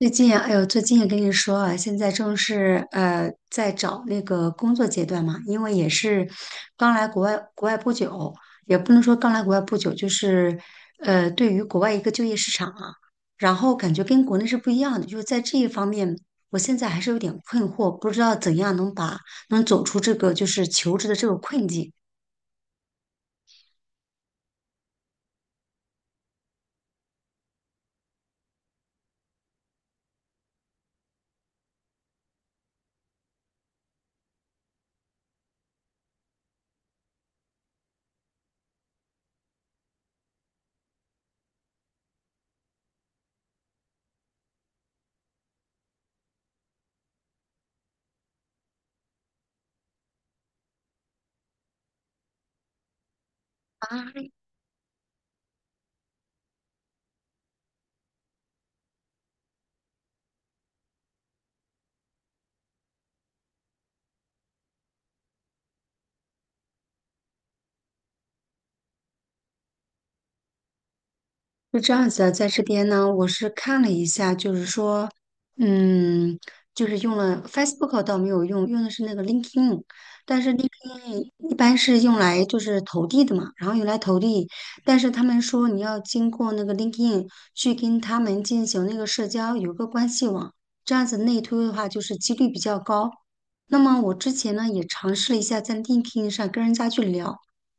最近啊，哎呦，最近也跟你说啊，现在正是在找那个工作阶段嘛，因为也是刚来国外不久，也不能说刚来国外不久，就是对于国外一个就业市场啊，然后感觉跟国内是不一样的，就是在这一方面，我现在还是有点困惑，不知道怎样能走出这个就是求职的这个困境。啊。是这样子的，在这边呢，我是看了一下，就是说，嗯，就是用了 Facebook 倒没有用，用的是那个 LinkedIn，因为一般是用来就是投递的嘛，然后用来投递，但是他们说你要经过那个 LinkedIn 去跟他们进行那个社交，有个关系网，这样子内推的话，就是几率比较高。那么我之前呢也尝试了一下在 LinkedIn 上跟人家去聊，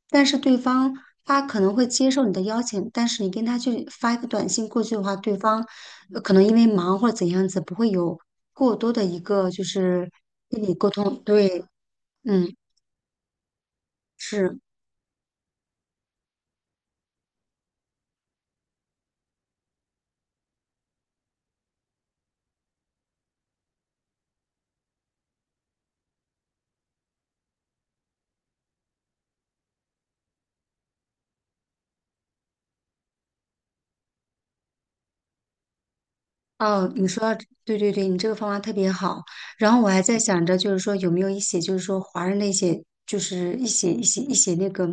但是对方他可能会接受你的邀请，但是你跟他去发一个短信过去的话，对方可能因为忙或者怎样子，不会有过多的一个就是跟你沟通。对，嗯，是。哦，你说到对对对，你这个方法特别好。然后我还在想着，就是说有没有一些，就是说华人的一些，就是一些那个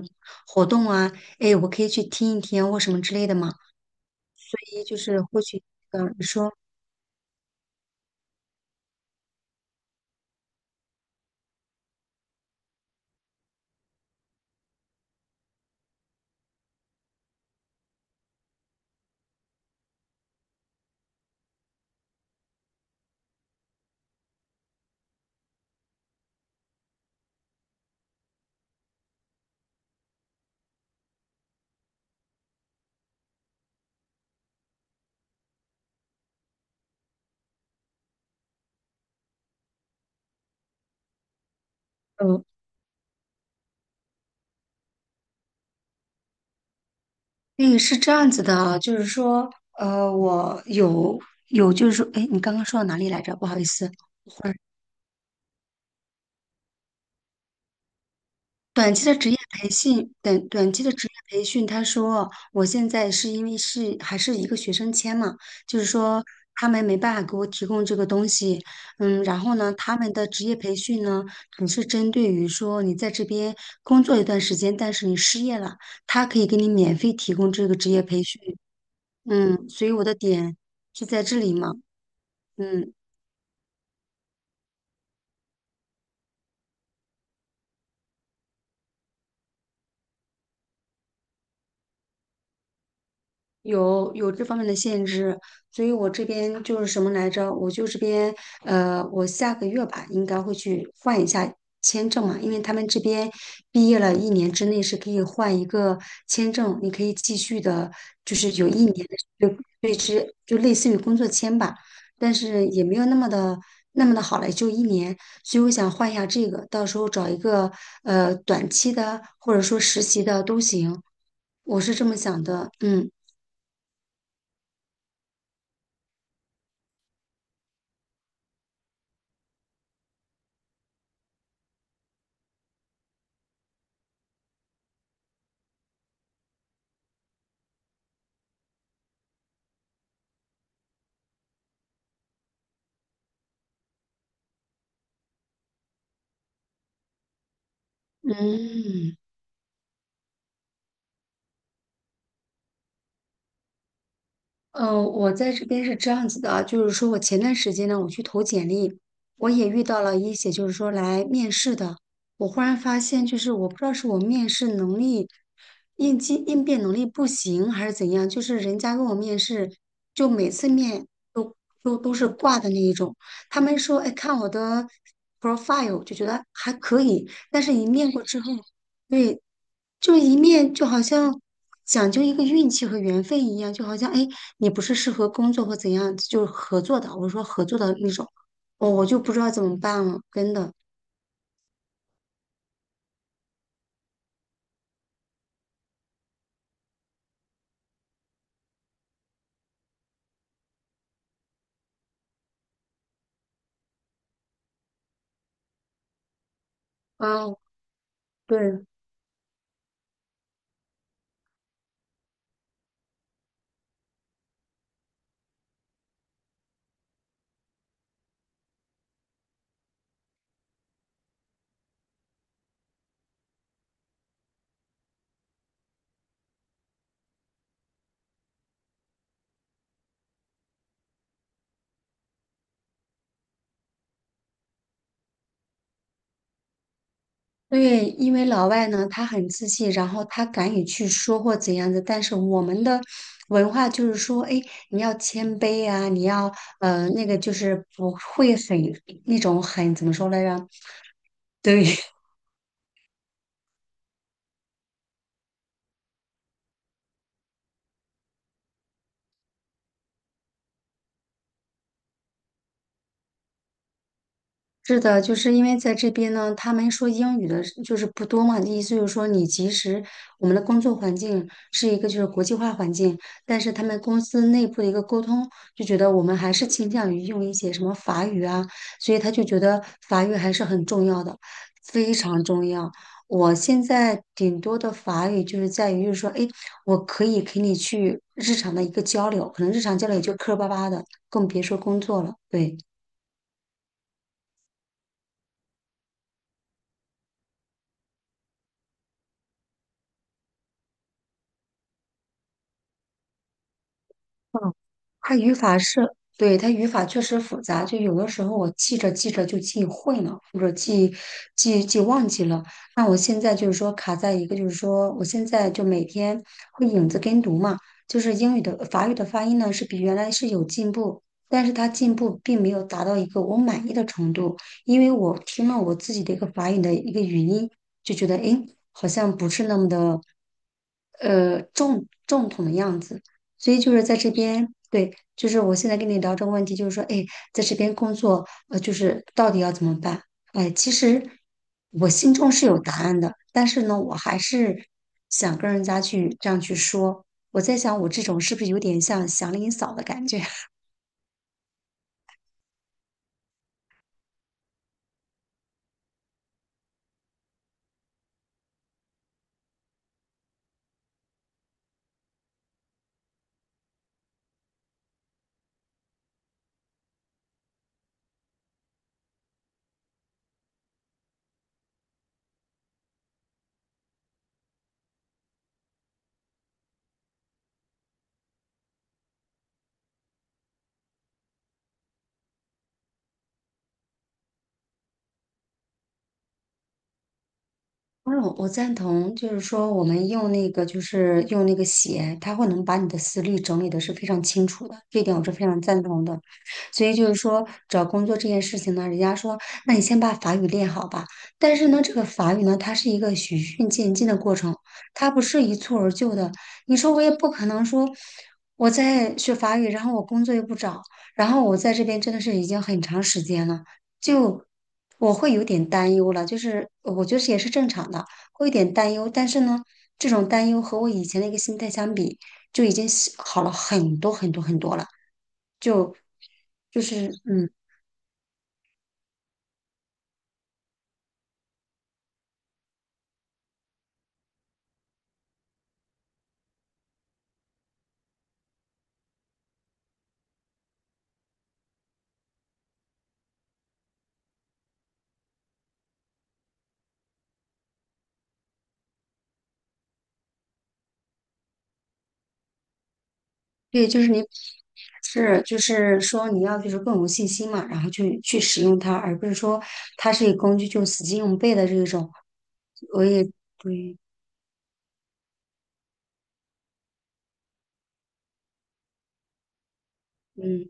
活动啊，哎，我可以去听一听啊或什么之类的嘛。所以就是获取，你说，嗯，个是这样子的啊，就是说，我有，就是说，哎，你刚刚说到哪里来着？不好意思。短期的职业培训，他说我现在是因为是还是一个学生签嘛，就是说他们没办法给我提供这个东西，然后呢，他们的职业培训呢，只是针对于说你在这边工作一段时间，但是你失业了，他可以给你免费提供这个职业培训，所以我的点就在这里嘛，嗯。有这方面的限制，所以我这边就是什么来着？我就这边我下个月吧，应该会去换一下签证嘛，因为他们这边毕业了一年之内是可以换一个签证，你可以继续的，就是有一年的就对之，就类似于工作签吧，但是也没有那么的好了，就一年，所以我想换一下这个，到时候找一个短期的或者说实习的都行，我是这么想的，嗯。嗯，我在这边是这样子的啊，就是说我前段时间呢，我去投简历，我也遇到了一些就是说来面试的，我忽然发现就是我不知道是我面试能力、应激应变能力不行还是怎样，就是人家跟我面试，就每次面都都是挂的那一种，他们说哎看我的 profile 就觉得还可以，但是一面过之后，对，就一面就好像讲究一个运气和缘分一样，就好像哎，诶你不是适合工作或怎样，就是合作的，我说合作的那种，我就不知道怎么办了，真的。啊，对对，因为老外呢，他很自信，然后他敢于去说或怎样的，但是我们的文化就是说，哎，你要谦卑啊，你要那个就是不会很那种很怎么说来着？对，是的，就是因为在这边呢，他们说英语的就是不多嘛，意思就是说你即使我们的工作环境是一个就是国际化环境，但是他们公司内部的一个沟通，就觉得我们还是倾向于用一些什么法语啊，所以他就觉得法语还是很重要的，非常重要。我现在顶多的法语就是在于，就是说，哎，我可以给你去日常的一个交流，可能日常交流也就磕磕巴巴的，更别说工作了。对，嗯，它语法是，对，它语法确实复杂，就有的时候我记着记着就记混了，或者记记记忘记了。那我现在就是说卡在一个，就是说我现在就每天会影子跟读嘛，就是英语的法语的发音呢是比原来是有进步，但是它进步并没有达到一个我满意的程度，因为我听了我自己的一个法语的一个语音，就觉得诶好像不是那么的正统的样子。所以就是在这边，对，就是我现在跟你聊这个问题，就是说，哎，在这边工作，就是到底要怎么办？哎，其实我心中是有答案的，但是呢，我还是想跟人家去这样去说。我在想，我这种是不是有点像祥林嫂的感觉？嗯，我赞同，就是说我们用那个，就是用那个写，它会能把你的思虑整理的是非常清楚的，这点我是非常赞同的。所以就是说，找工作这件事情呢，人家说，那你先把法语练好吧。但是呢，这个法语呢，它是一个循序渐进的过程，它不是一蹴而就的。你说我也不可能说我在学法语，然后我工作又不找，然后我在这边真的是已经很长时间了。就我会有点担忧了，就是我觉得也是正常的，会有点担忧。但是呢，这种担忧和我以前的一个心态相比，就已经是好了很多很多很多了。就就是嗯，对，就是你是就是说你要就是更有信心嘛，然后去使用它，而不是说它是一个工具就死记硬背的这种。我也对，嗯。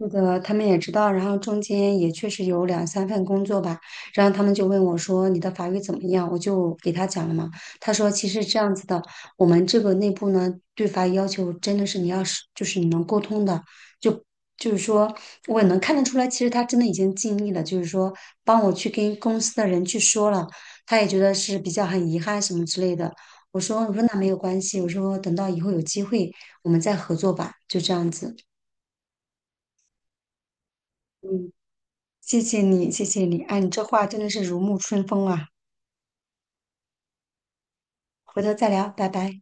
那个他们也知道，然后中间也确实有两三份工作吧，然后他们就问我说：“你的法语怎么样？”我就给他讲了嘛。他说：“其实这样子的，我们这个内部呢，对法语要求真的是你要是就是你能沟通的，就就是说我也能看得出来，其实他真的已经尽力了，就是说帮我去跟公司的人去说了，他也觉得是比较很遗憾什么之类的。”我说：“我说那没有关系，我说等到以后有机会我们再合作吧，就这样子。嗯”谢谢你，谢谢你，哎，你这话真的是如沐春风啊！回头再聊，拜拜。